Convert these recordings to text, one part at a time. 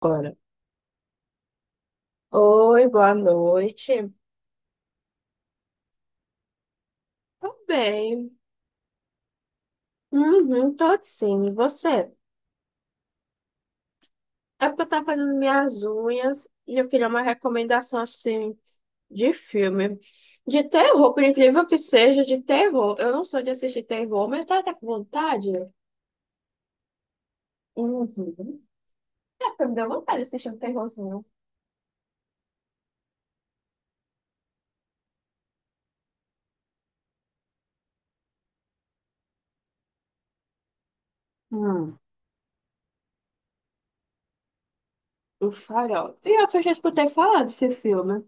Agora. Oi, boa noite. Tô bem. Uhum, tô sim. E você? É porque eu tava fazendo minhas unhas e eu queria uma recomendação assim de filme. De terror, por incrível que seja, de terror. Eu não sou de assistir terror, mas eu tava até com vontade. Uhum. É, porque me deu vontade de assistir um terrorzinho. Hum, o Farol. Pior que eu já escutei falar desse filme.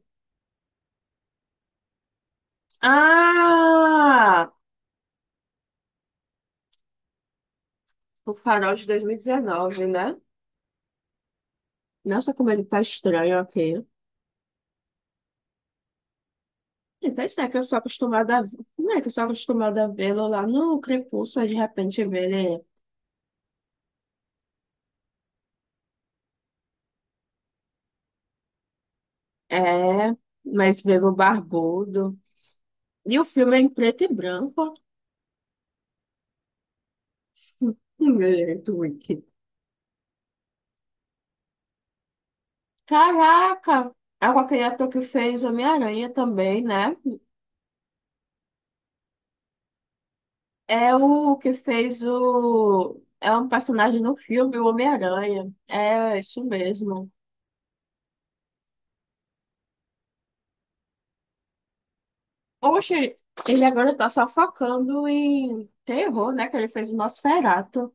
Ah! O Farol de 2019, né? Nossa, como ele tá estranho aqui. Então, isso é que eu sou acostumada a... Não é que eu sou acostumada a vê-lo lá no Crepúsculo, aí de repente vê ele é mas vê-lo barbudo. E o filme é em preto e branco. Muito wicked. Caraca! É com aquele ator que fez Homem-Aranha também, né? É o que fez o... É um personagem no filme, o Homem-Aranha. É isso mesmo. Oxe, ele agora tá só focando em terror, né? Que ele fez o Nosferatu.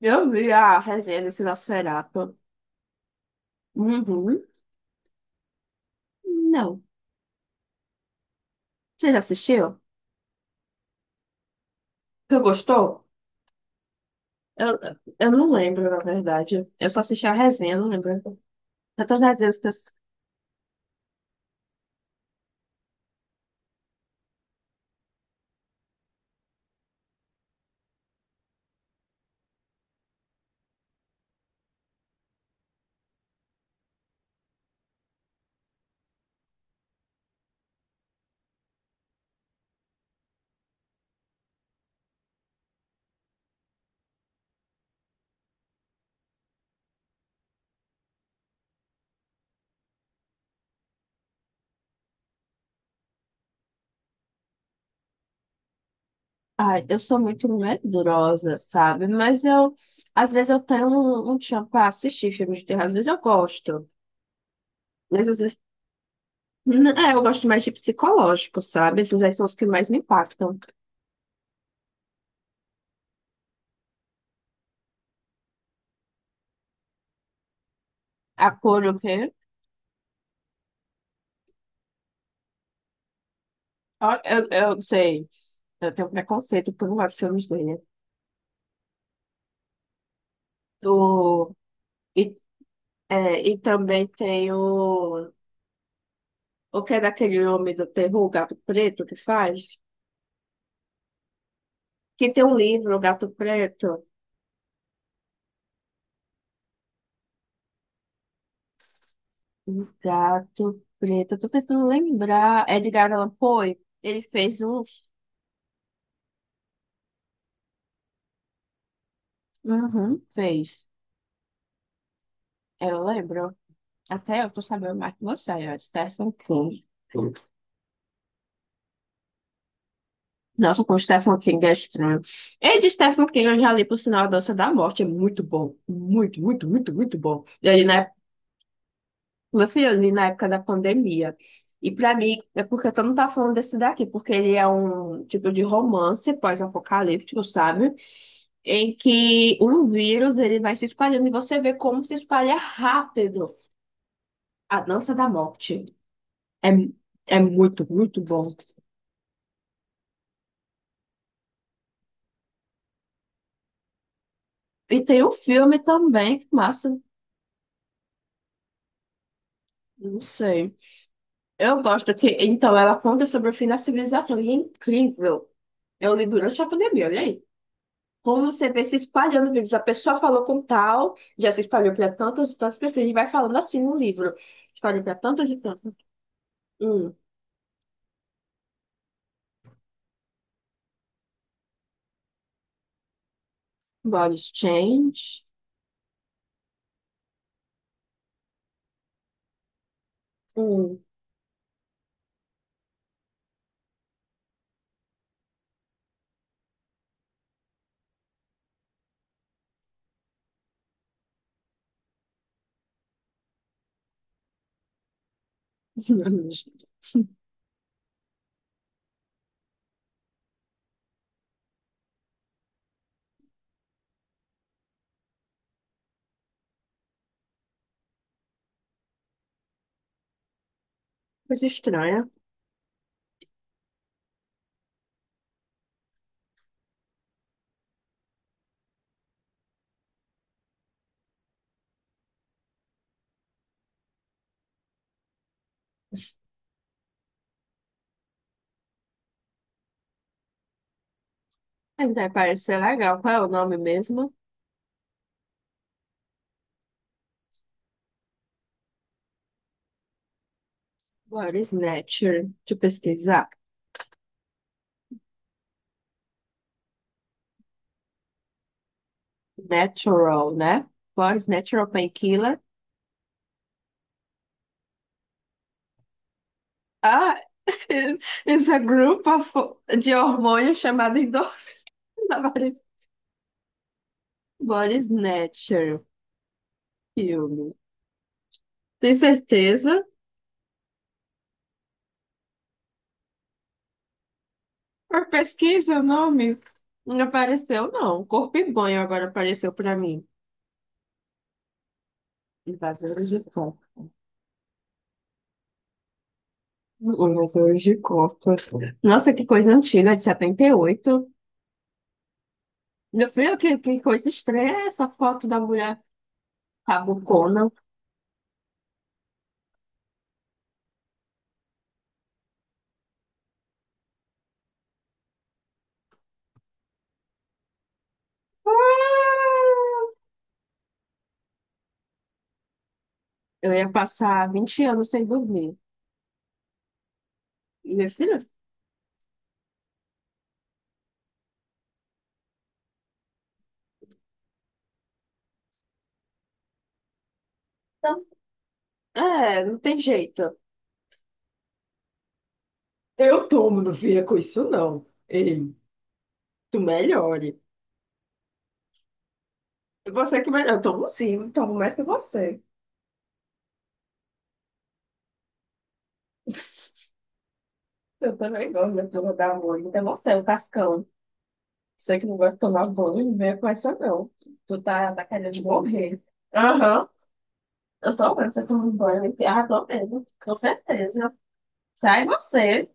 Eu vi a resenha desse Nosferatu. Uhum. Não. Você já assistiu? Você gostou? Eu, eu não lembro, na verdade. Eu só assisti a resenha, não lembro. Tantas resenhas que eu... s- Ai, eu sou muito medrosa, sabe? Mas eu... Às vezes eu tenho um tchan pra assistir filmes de terror. Às vezes eu gosto. Mas às vezes... N- É, eu gosto mais de psicológico, sabe? Esses aí são os que mais me impactam. A cor, o quê? Ó, sei. Eu tenho preconceito porque eu não gosto de filmes dele. O E, é, e também tem o que é daquele homem do terror, o Gato Preto, que faz? Que tem um livro, o Gato Preto. O Gato Preto, eu tô tentando lembrar. Edgar Allan Poe, ele fez um. Uhum, fez. Eu lembro. Até eu tô sabendo mais que você, ó, Stephen King. Nossa, com Stephen King é estranho. E de Stephen King eu já li, por sinal, A Dança da Morte. É muito bom. Muito, muito, muito, muito bom. E aí, na Meu filho, eu li na época da pandemia. E pra mim, é porque todo mundo tá falando desse daqui, porque ele é um tipo de romance pós-apocalíptico, sabe? Em que um vírus ele vai se espalhando e você vê como se espalha rápido a dança da morte. É, é muito, muito bom. E tem um filme também, que massa, não sei. Eu gosto que, então, ela conta sobre o fim da civilização e é incrível. Eu li durante a pandemia, olha aí. Como você vê se espalhando vídeos? A pessoa falou com tal, já se espalhou para tantas e tantas pessoas, e vai falando assim no livro. Espalhou para tantas e tantas. Hum, body change. Hum, coisa estranha. É, vai parecer legal. Qual é o nome mesmo? Body Snatcher. Deixa eu pesquisar. Natural, né? Body Natural Painkiller. Ah, it's a group of, de hormônios chamado endorfina. Body Snatcher. Filme. Tem certeza? Por pesquisa, o nome não apareceu, não. Corpo e banho agora apareceu para mim. Invasores de corpo. Invasores de corpo. Nossa, que coisa antiga, de 78. Meu filho, que coisa estranha essa foto da mulher cabucona. Ah! Eu ia passar 20 anos sem dormir. E meu filho, não. É, não tem jeito. Eu tomo, não fica com isso, não. Ei, tu melhore. Você que melhor. Eu tomo sim, eu tomo mais que você. Eu também gosto da turma da Mônica. É você, o Cascão. Você que não gosta de tomar banho, não venha com essa não. Tu tá querendo morrer. Aham. Eu tô vendo você tomando banho. Ah, tô mesmo. Com certeza. Sai você.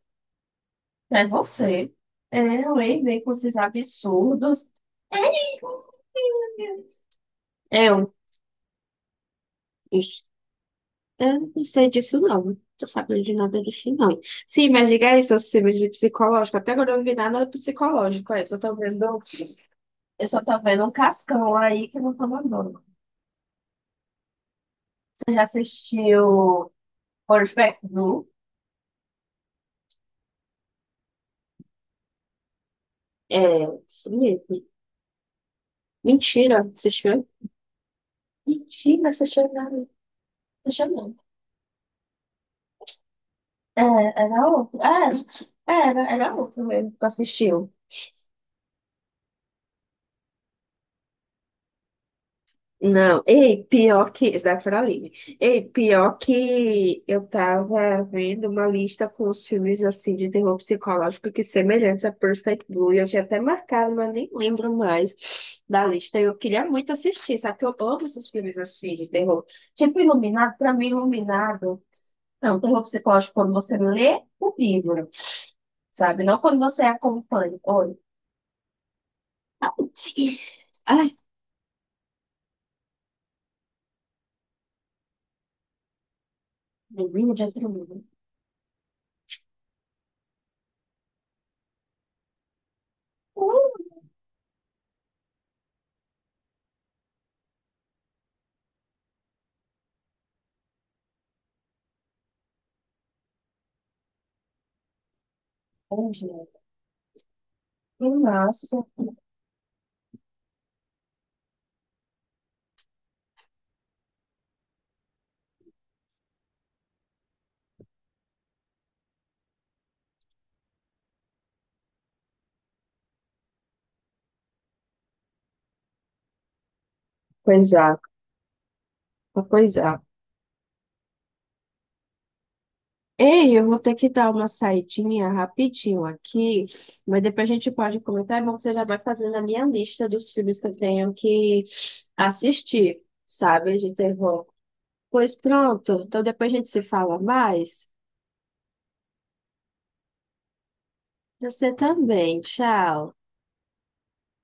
Sai você. É, eu vem com esses absurdos. Ai, meu Deus. Eu. Eu não sei disso, não. Não tô sabendo de nada disso, não. Sim, mas diga isso, os filmes de psicológico. Até agora eu não vi nada psicológico. É. Eu só tô vendo um cascão aí que não toma banho. Você já assistiu Perfect Blue? É, isso mesmo. Mentira, assistiu? Mentira, assistiu nada. Assistiu não. É, era outro. É, era outro mesmo que assistiu. Não, ei, pior que. Esse daqui era livre. Ei, pior que eu tava vendo uma lista com os filmes assim de terror psicológico que semelhantes a Perfect Blue. Eu tinha até marcado, mas nem lembro mais da lista. Eu queria muito assistir, sabe? Que eu amo esses filmes assim de terror. Tipo, Iluminado, pra mim, Iluminado. É um terror psicológico quando você lê o livro, sabe? Não quando você acompanha. Olha. Ai, meu Deus, já terminou. Nossa. Pois é, pois é. Ei, eu vou ter que dar uma saidinha rapidinho aqui, mas depois a gente pode comentar. É bom que você já vai fazendo a minha lista dos filmes que eu tenho que assistir, sabe, de terror. Pois pronto, então depois a gente se fala mais. Você também, tchau.